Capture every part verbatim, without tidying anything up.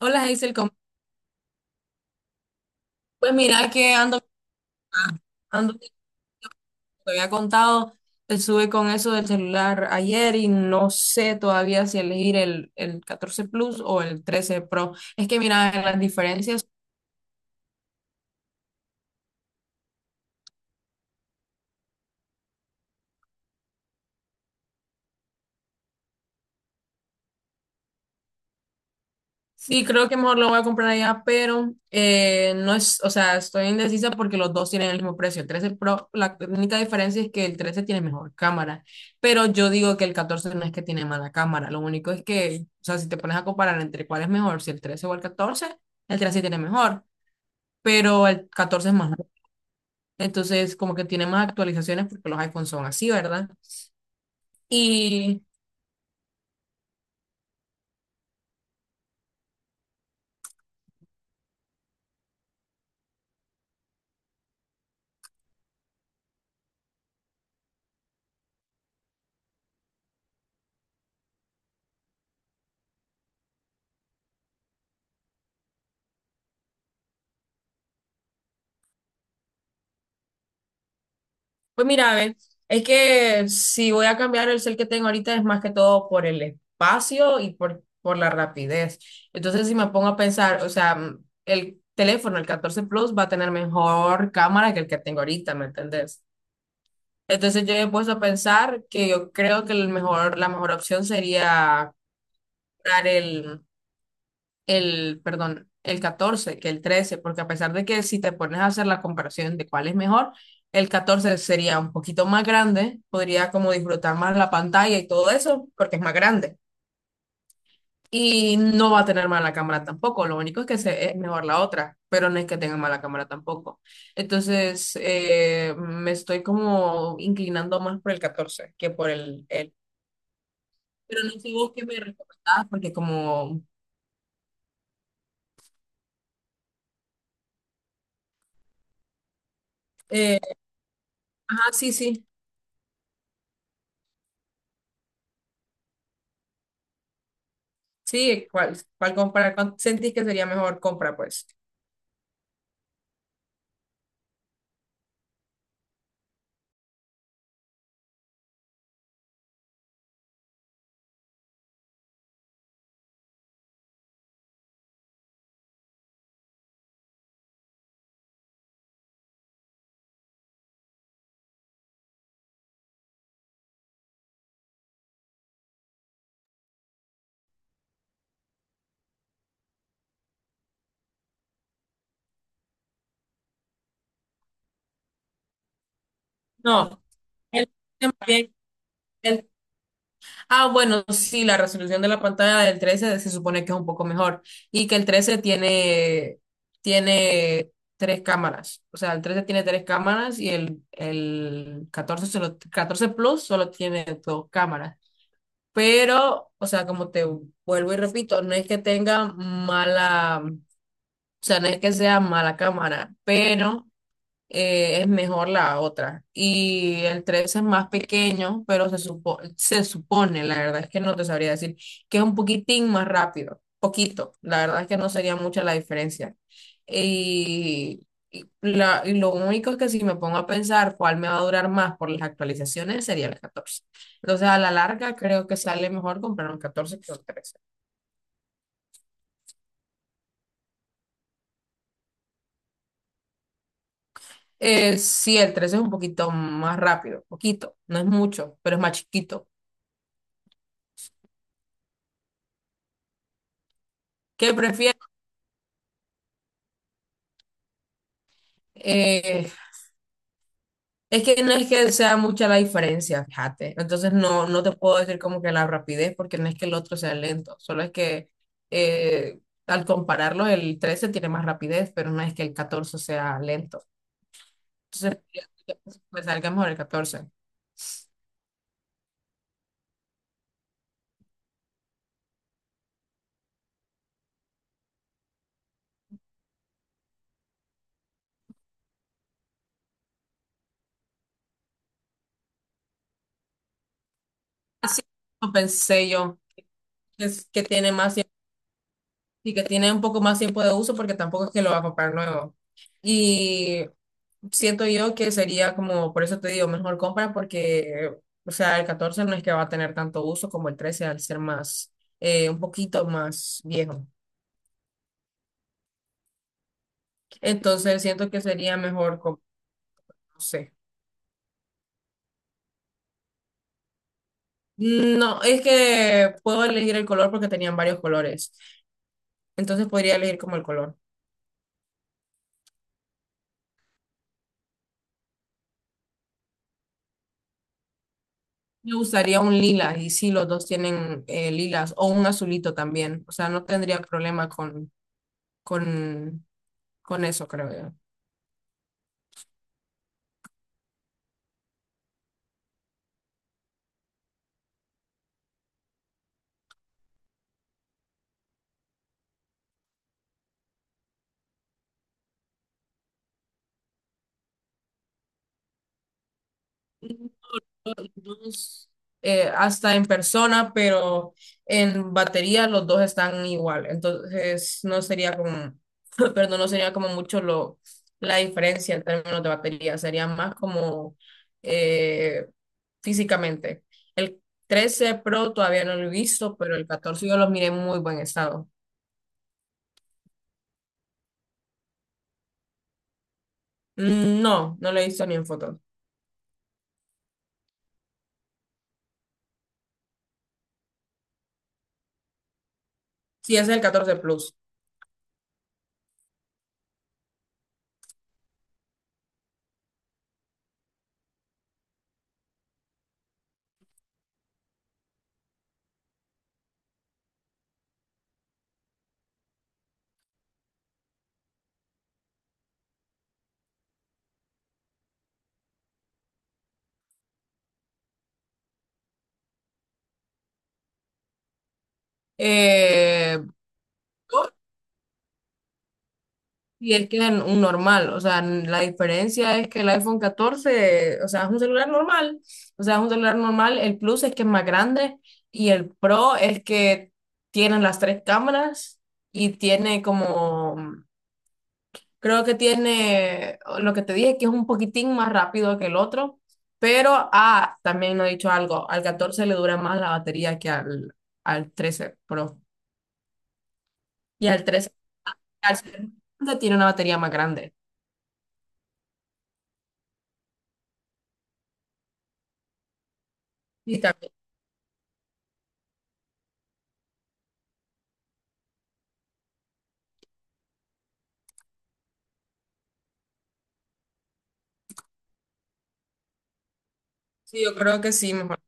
Hola, Hazel, ¿cómo-? Pues mira que ando, ah, ando, te había contado, estuve con eso del celular ayer y no sé todavía si elegir el, el catorce Plus o el trece Pro. Es que mira, las diferencias. Sí, creo que mejor lo voy a comprar allá, pero eh, no es, o sea, estoy indecisa porque los dos tienen el mismo precio. El trece Pro, la única diferencia es que el trece tiene mejor cámara, pero yo digo que el catorce no es que tiene mala cámara. Lo único es que, o sea, si te pones a comparar entre cuál es mejor, si el trece o el catorce, el trece tiene mejor, pero el catorce es más nuevo. Entonces, como que tiene más actualizaciones porque los iPhones son así, ¿verdad? Y Pues mira, a ver, es que si voy a cambiar el cel que tengo ahorita es más que todo por el espacio y por, por la rapidez. Entonces, si me pongo a pensar, o sea, mm, el teléfono, el catorce Plus, va a tener mejor cámara que el que tengo ahorita, ¿me entendés? Entonces, yo he puesto a pensar que yo creo que el mejor, la mejor opción sería comprar el el, perdón, el catorce que el trece, porque a pesar de que si te pones a hacer la comparación de cuál es mejor, el catorce sería un poquito más grande, podría como disfrutar más la pantalla y todo eso, porque es más grande. Y no va a tener mala cámara tampoco, lo único es que se, es mejor la otra, pero no es que tenga mala cámara tampoco. Entonces, eh, me estoy como inclinando más por el catorce que por el, el... Pero no sé vos qué me recomendás, porque como... eh, ajá, sí, sí. Sí, ¿cuál, cuál comprar? ¿Cuál sentís que sería mejor compra, pues? No, el, también, el- ah, bueno, sí, la resolución de la pantalla del trece se supone que es un poco mejor y que el trece tiene, tiene tres cámaras. O sea, el trece tiene tres cámaras y el, el catorce, solo, catorce Plus solo tiene dos cámaras. Pero, o sea, como te vuelvo y repito, no es que tenga mala, o sea, no es que sea mala cámara, pero eh, es mejor la otra. Y el tres es más pequeño, pero se supo- se supone, la verdad es que no te sabría decir, que es un poquitín más rápido, poquito. La verdad es que no sería mucha la diferencia. Y, y la, y lo único que si me pongo a pensar cuál me va a durar más por las actualizaciones sería el catorce. Entonces, a la larga, creo que sale mejor comprar un catorce que un trece. Eh, sí, el trece es un poquito más rápido, poquito, no es mucho, pero es más chiquito. ¿Qué prefieres? Eh, es que no es que sea mucha la diferencia, fíjate. Entonces no, no te puedo decir como que la rapidez, porque no es que el otro sea lento, solo es que eh, al compararlo el trece tiene más rapidez, pero no es que el catorce sea lento. Entonces me salga mejor el catorce. Así como pensé yo, que, es- que tiene más tiempo y que tiene un poco más tiempo de uso porque tampoco es que lo va a comprar nuevo. Siento yo que sería como, por eso te digo, mejor compra porque, o sea, el catorce no es que va a tener tanto uso como el trece al ser más, eh, un poquito más viejo. Entonces siento que sería mejor, com-, no sé. No, es que puedo elegir el color porque tenían varios colores. Entonces podría elegir como el color. Me gustaría un lila y sí, los dos tienen eh, lilas o un azulito también. O sea, no tendría problema con, con, con eso, creo yo. Dos, eh, hasta en persona, pero en batería los dos están igual. Entonces no sería como, perdón, no sería como mucho lo, la diferencia en términos de batería, sería más como eh, físicamente. El trece Pro todavía no lo he visto, pero el catorce yo lo miré en muy buen estado. Mm. No, no lo he visto ni en fotos. Sí, ese es el catorce Plus. Eh, Y es que es un normal, o sea, la diferencia es que el iPhone catorce, o sea, es un celular normal, o sea, es un celular normal, el Plus es que es más grande, y el Pro es que tienen las tres cámaras y tiene como, creo que tiene lo que te dije, que es un poquitín más rápido que el otro, pero, ah, también no he dicho algo, al catorce le dura más la batería que al, al trece Pro, y al trece al trece tiene una batería más grande. Y también Sí, yo creo que sí, mejor.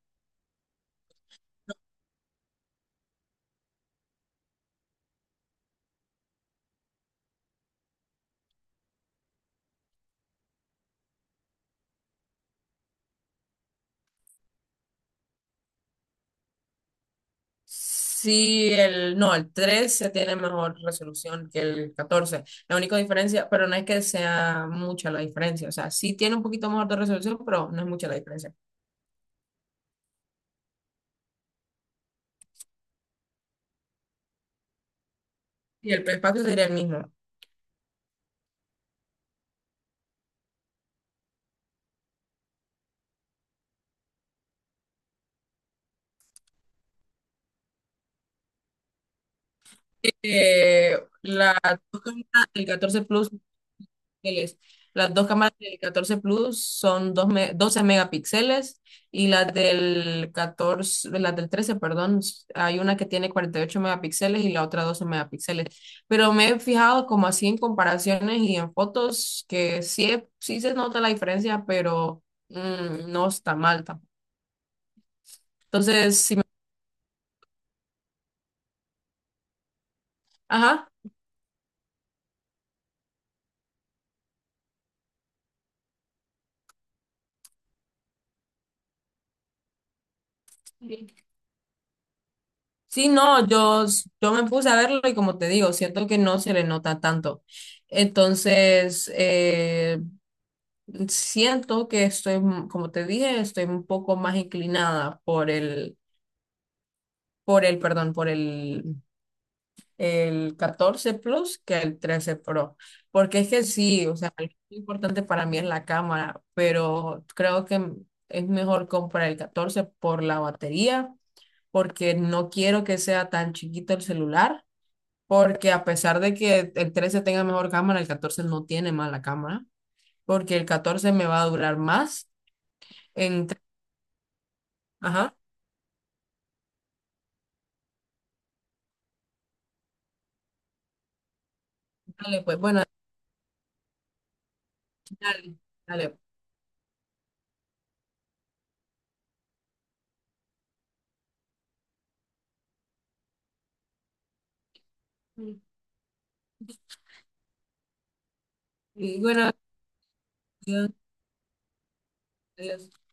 Sí, el, no, el trece tiene mejor resolución que el catorce. La única diferencia, pero no es que sea mucha la diferencia. O sea, sí tiene un poquito mejor de resolución, pero no es mucha la diferencia. Y el espacio sería el mismo. Eh, la, el catorce Plus megapíxeles. Las dos cámaras del catorce Plus son dos me- doce megapíxeles, y las del catorce las del trece, perdón, hay una que tiene cuarenta y ocho megapíxeles y la otra doce megapíxeles. Pero me he fijado como así en comparaciones y en fotos que sí, he- sí se nota la diferencia, pero mm, no está mal tampoco. Entonces, sí, me-. Ajá. Sí, no, yo, yo me puse a verlo y como te digo, siento que no se le nota tanto. Entonces, eh, siento que estoy, mm, como te dije, estoy un poco más inclinada por el, por el, perdón, por el, el catorce Plus que el trece Pro. Porque es que sí, o sea, lo importante para mí es la cámara, pero creo que es mejor comprar el catorce por la batería, porque no quiero que sea tan chiquito el celular, porque a pesar de que el trece tenga mejor cámara, el catorce no tiene mala cámara, porque el catorce me va a durar más en... Ajá. Dale, pues, bueno, dale, dale. Y bueno, adiós. Adiós.